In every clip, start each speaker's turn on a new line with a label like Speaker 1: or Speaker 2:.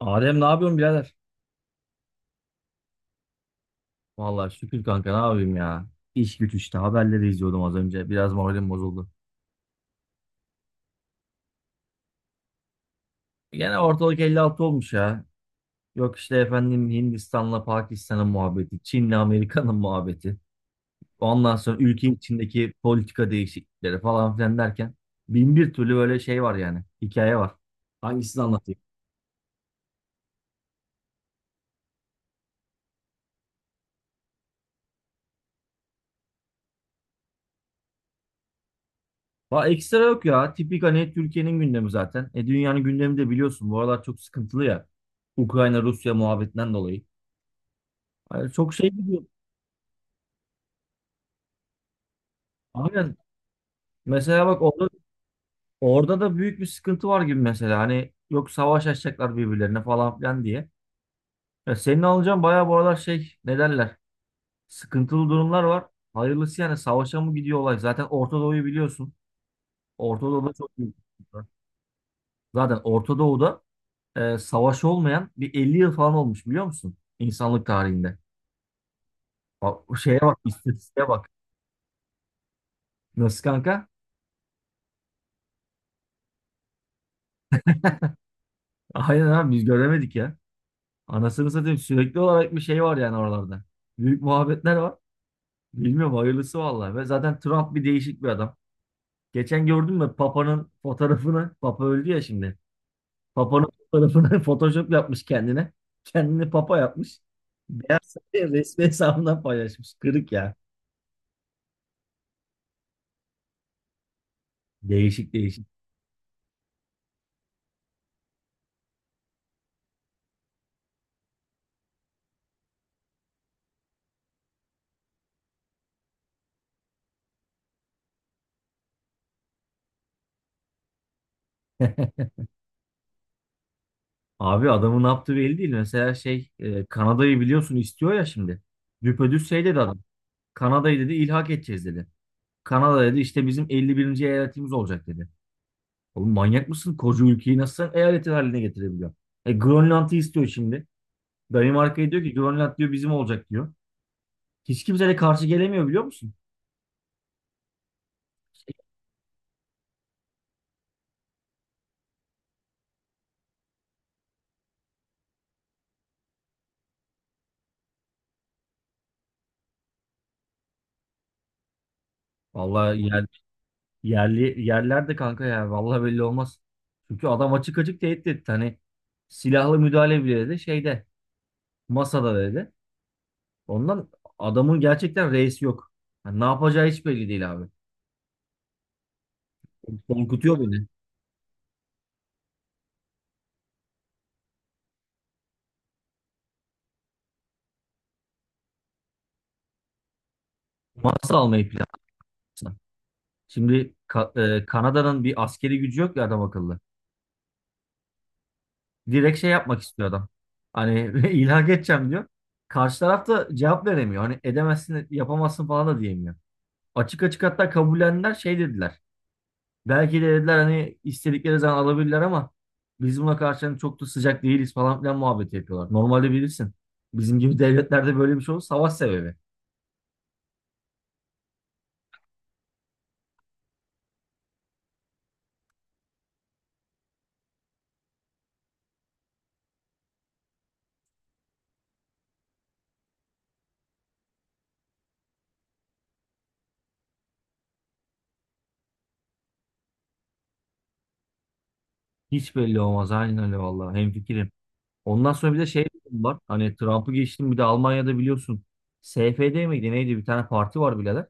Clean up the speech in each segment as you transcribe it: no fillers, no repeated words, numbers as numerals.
Speaker 1: Adem ne yapıyorsun birader? Vallahi şükür kanka ne yapayım ya. İş güç işte haberleri izliyordum az önce. Biraz moralim bozuldu. Gene ortalık 56 olmuş ya. Yok işte efendim Hindistan'la Pakistan'ın muhabbeti, Çin'le Amerika'nın muhabbeti. Ondan sonra ülke içindeki politika değişiklikleri falan filan derken bin bir türlü böyle şey var yani. Hikaye var. Hangisini anlatayım? Va ekstra yok ya. Tipik hani Türkiye'nin gündemi zaten. E dünyanın gündemi de biliyorsun. Bu aralar çok sıkıntılı ya. Ukrayna Rusya muhabbetinden dolayı. Yani çok şey gidiyor. Aynen. Mesela bak orada da büyük bir sıkıntı var gibi mesela. Hani yok savaş açacaklar birbirlerine falan filan diye. Ya senin alacağın bayağı bu aralar şey ne derler? Sıkıntılı durumlar var. Hayırlısı yani savaşa mı gidiyor olay? Zaten Orta Doğu'yu biliyorsun. Orta Doğu'da çok büyük sıkıntı var. Zaten Orta Doğu'da savaş olmayan bir 50 yıl falan olmuş biliyor musun? İnsanlık tarihinde. Bak, şeye bak, istatistiğe bak. Nasıl kanka? Aynen abi biz göremedik ya. Anasını satayım sürekli olarak bir şey var yani oralarda. Büyük muhabbetler var. Bilmiyorum hayırlısı vallahi. Ve zaten Trump bir değişik bir adam. Geçen gördün mü Papa'nın fotoğrafını? Papa öldü ya şimdi. Papa'nın fotoğrafını Photoshop yapmış kendine. Kendini Papa yapmış. Beyaz Saray'ın resmi hesabından paylaşmış. Kırık ya. Değişik değişik. Abi adamın ne yaptığı belli değil. Mesela Kanada'yı biliyorsun istiyor ya şimdi. Düpedüz şey dedi adam. Kanada'yı dedi ilhak edeceğiz dedi. Kanada dedi işte bizim 51. eyaletimiz olacak dedi. Oğlum manyak mısın? Koca ülkeyi nasıl sen eyaletin haline getirebiliyorsun? E Grönland'ı istiyor şimdi. Danimarka'ya diyor ki Grönland diyor bizim olacak diyor. Hiç kimse de karşı gelemiyor biliyor musun? Vallahi yerli yerler de kanka ya vallahi belli olmaz. Çünkü adam açık açık tehdit etti. Hani silahlı müdahale bile dedi şeyde masada dedi. Ondan adamın gerçekten reisi yok. Yani ne yapacağı hiç belli değil abi. Korkutuyor beni. Masa almayı planlıyorsa. Şimdi Kanada'nın bir askeri gücü yok ya adam akıllı. Direkt şey yapmak istiyor adam. Hani ilhak edeceğim diyor. Karşı taraf da cevap veremiyor. Hani edemezsin, yapamazsın falan da diyemiyor. Açık açık hatta kabullendiler şey dediler. Belki de dediler hani istedikleri zaman alabilirler ama biz buna karşı hani çok da sıcak değiliz falan filan muhabbeti yapıyorlar. Normalde bilirsin. Bizim gibi devletlerde böyle bir şey olur savaş sebebi. Hiç belli olmaz. Aynen öyle vallahi. Hemfikirim. Ondan sonra bir de şey var. Hani Trump'ı geçtim bir de Almanya'da biliyorsun. SFD miydi neydi bir tane parti var birader.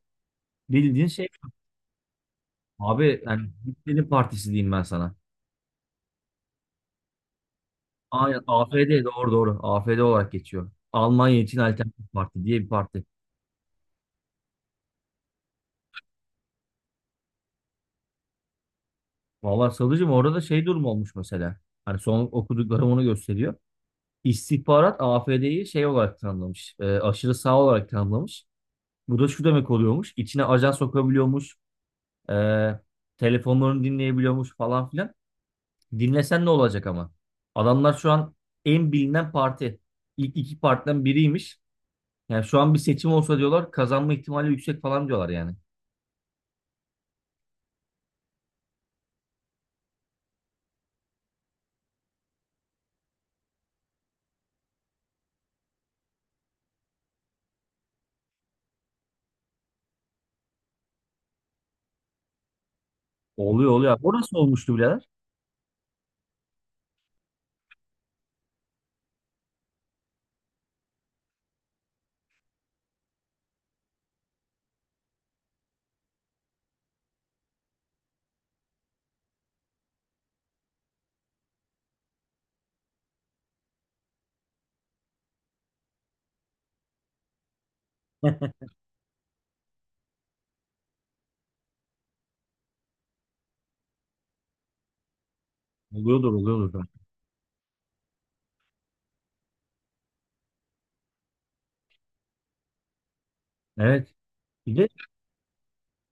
Speaker 1: Bildiğin şey abi yani Hitler'in partisi diyeyim ben sana. Aynen AfD doğru doğru. AfD olarak geçiyor. Almanya için alternatif parti diye bir parti. Vallahi Sadıcığım orada da şey durum olmuş mesela. Hani son okuduklarım onu gösteriyor. İstihbarat AfD'yi şey olarak tanımlamış. Aşırı sağ olarak tanımlamış. Bu da şu demek oluyormuş. İçine ajan sokabiliyormuş. E, Telefonlarını dinleyebiliyormuş falan filan. Dinlesen ne olacak ama? Adamlar şu an en bilinen parti. İlk iki partiden biriymiş. Yani şu an bir seçim olsa diyorlar kazanma ihtimali yüksek falan diyorlar yani. Oluyor oluyor. Orası olmuştu birader. Heh, oluyordur oluyordur. Da. Evet. Bir de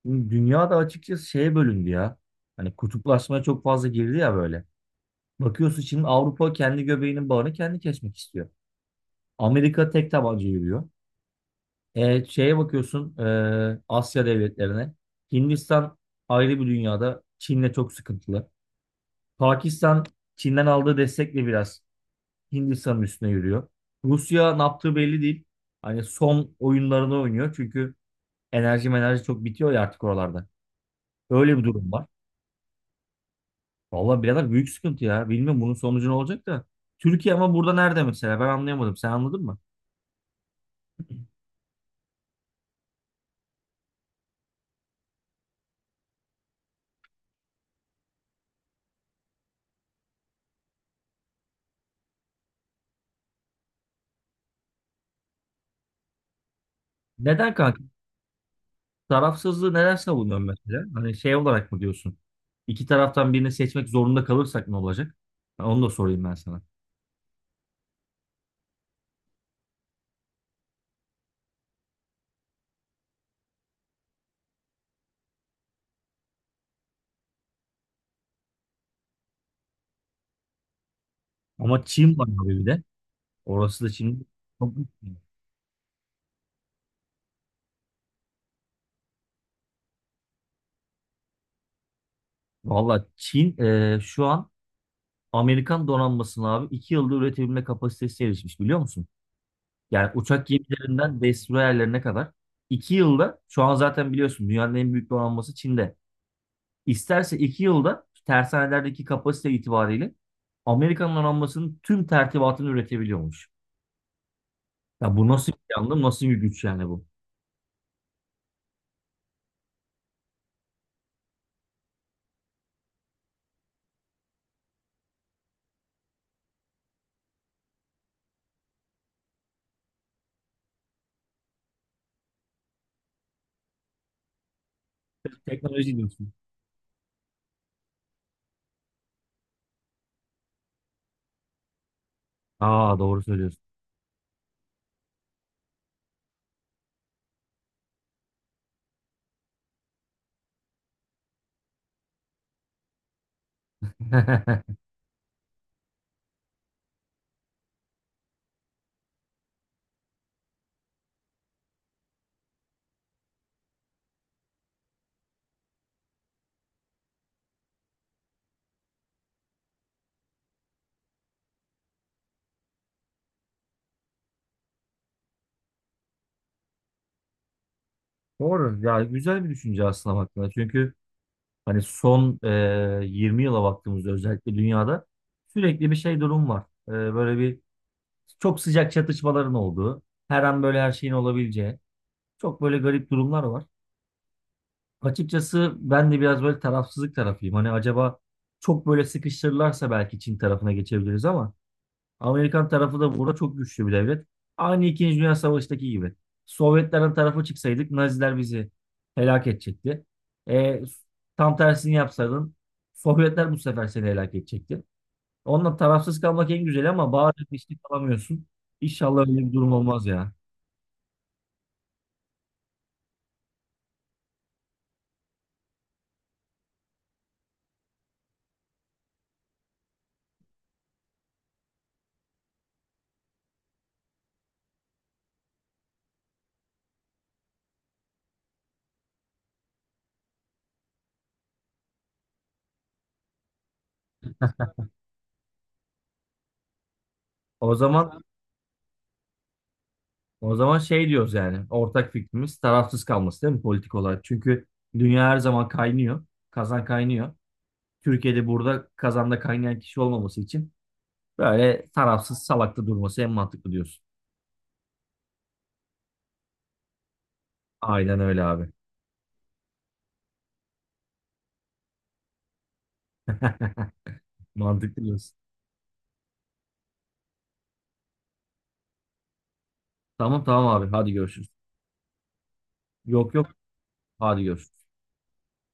Speaker 1: dünya da açıkçası şeye bölündü ya. Hani kutuplaşmaya çok fazla girdi ya böyle. Bakıyorsun şimdi Avrupa kendi göbeğinin bağını kendi kesmek istiyor. Amerika tek tabanca yürüyor. E, şeye bakıyorsun Asya devletlerine. Hindistan ayrı bir dünyada. Çin'le çok sıkıntılı. Pakistan Çin'den aldığı destekle biraz Hindistan'ın üstüne yürüyor. Rusya ne yaptığı belli değil. Hani son oyunlarını oynuyor. Çünkü enerji çok bitiyor ya artık oralarda. Öyle bir durum var. Vallahi birader büyük sıkıntı ya. Bilmiyorum bunun sonucu ne olacak da. Türkiye ama burada nerede mesela? Ben anlayamadım. Sen anladın mı? Neden kanka? Tarafsızlığı neler savunuyorsun mesela? Hani şey olarak mı diyorsun? İki taraftan birini seçmek zorunda kalırsak ne olacak? Ha, onu da sorayım ben sana. Ama Çin var abi bir de. Orası da Çin, çok büyük bir yer. Valla Çin şu an Amerikan donanmasını abi iki yılda üretebilme kapasitesi erişmiş biliyor musun? Yani uçak gemilerinden destroyerlerine kadar. İki yılda şu an zaten biliyorsun dünyanın en büyük donanması Çin'de. İsterse iki yılda tersanelerdeki kapasite itibariyle Amerika'nın donanmasının tüm tertibatını üretebiliyormuş. Ya bu nasıl bir yandım, nasıl bir güç yani bu? Teknoloji diyorsun. Aa doğru söylüyorsun. Doğru. Ya güzel bir düşünce aslında baktığında. Çünkü hani son 20 yıla baktığımızda özellikle dünyada sürekli bir şey durum var. Böyle bir çok sıcak çatışmaların olduğu, her an böyle her şeyin olabileceği çok böyle garip durumlar var. Açıkçası ben de biraz böyle tarafsızlık tarafıyım. Hani acaba çok böyle sıkıştırırlarsa belki Çin tarafına geçebiliriz ama Amerikan tarafı da burada çok güçlü bir devlet. Aynı İkinci Dünya Savaşı'ndaki gibi. Sovyetlerin tarafı çıksaydık Naziler bizi helak edecekti. E, Tam tersini yapsaydın Sovyetler bu sefer seni helak edecekti. Onunla tarafsız kalmak en güzel ama bazen işte kalamıyorsun. İnşallah öyle bir durum olmaz ya. O zaman O zaman şey diyoruz yani ortak fikrimiz tarafsız kalması değil mi politik olarak? Çünkü dünya her zaman kaynıyor. Kazan kaynıyor. Türkiye'de burada kazanda kaynayan kişi olmaması için böyle tarafsız salakta durması en mantıklı diyorsun. Aynen öyle abi. Mantıklı diyorsun. Tamam tamam abi hadi görüşürüz. Yok yok hadi görüşürüz.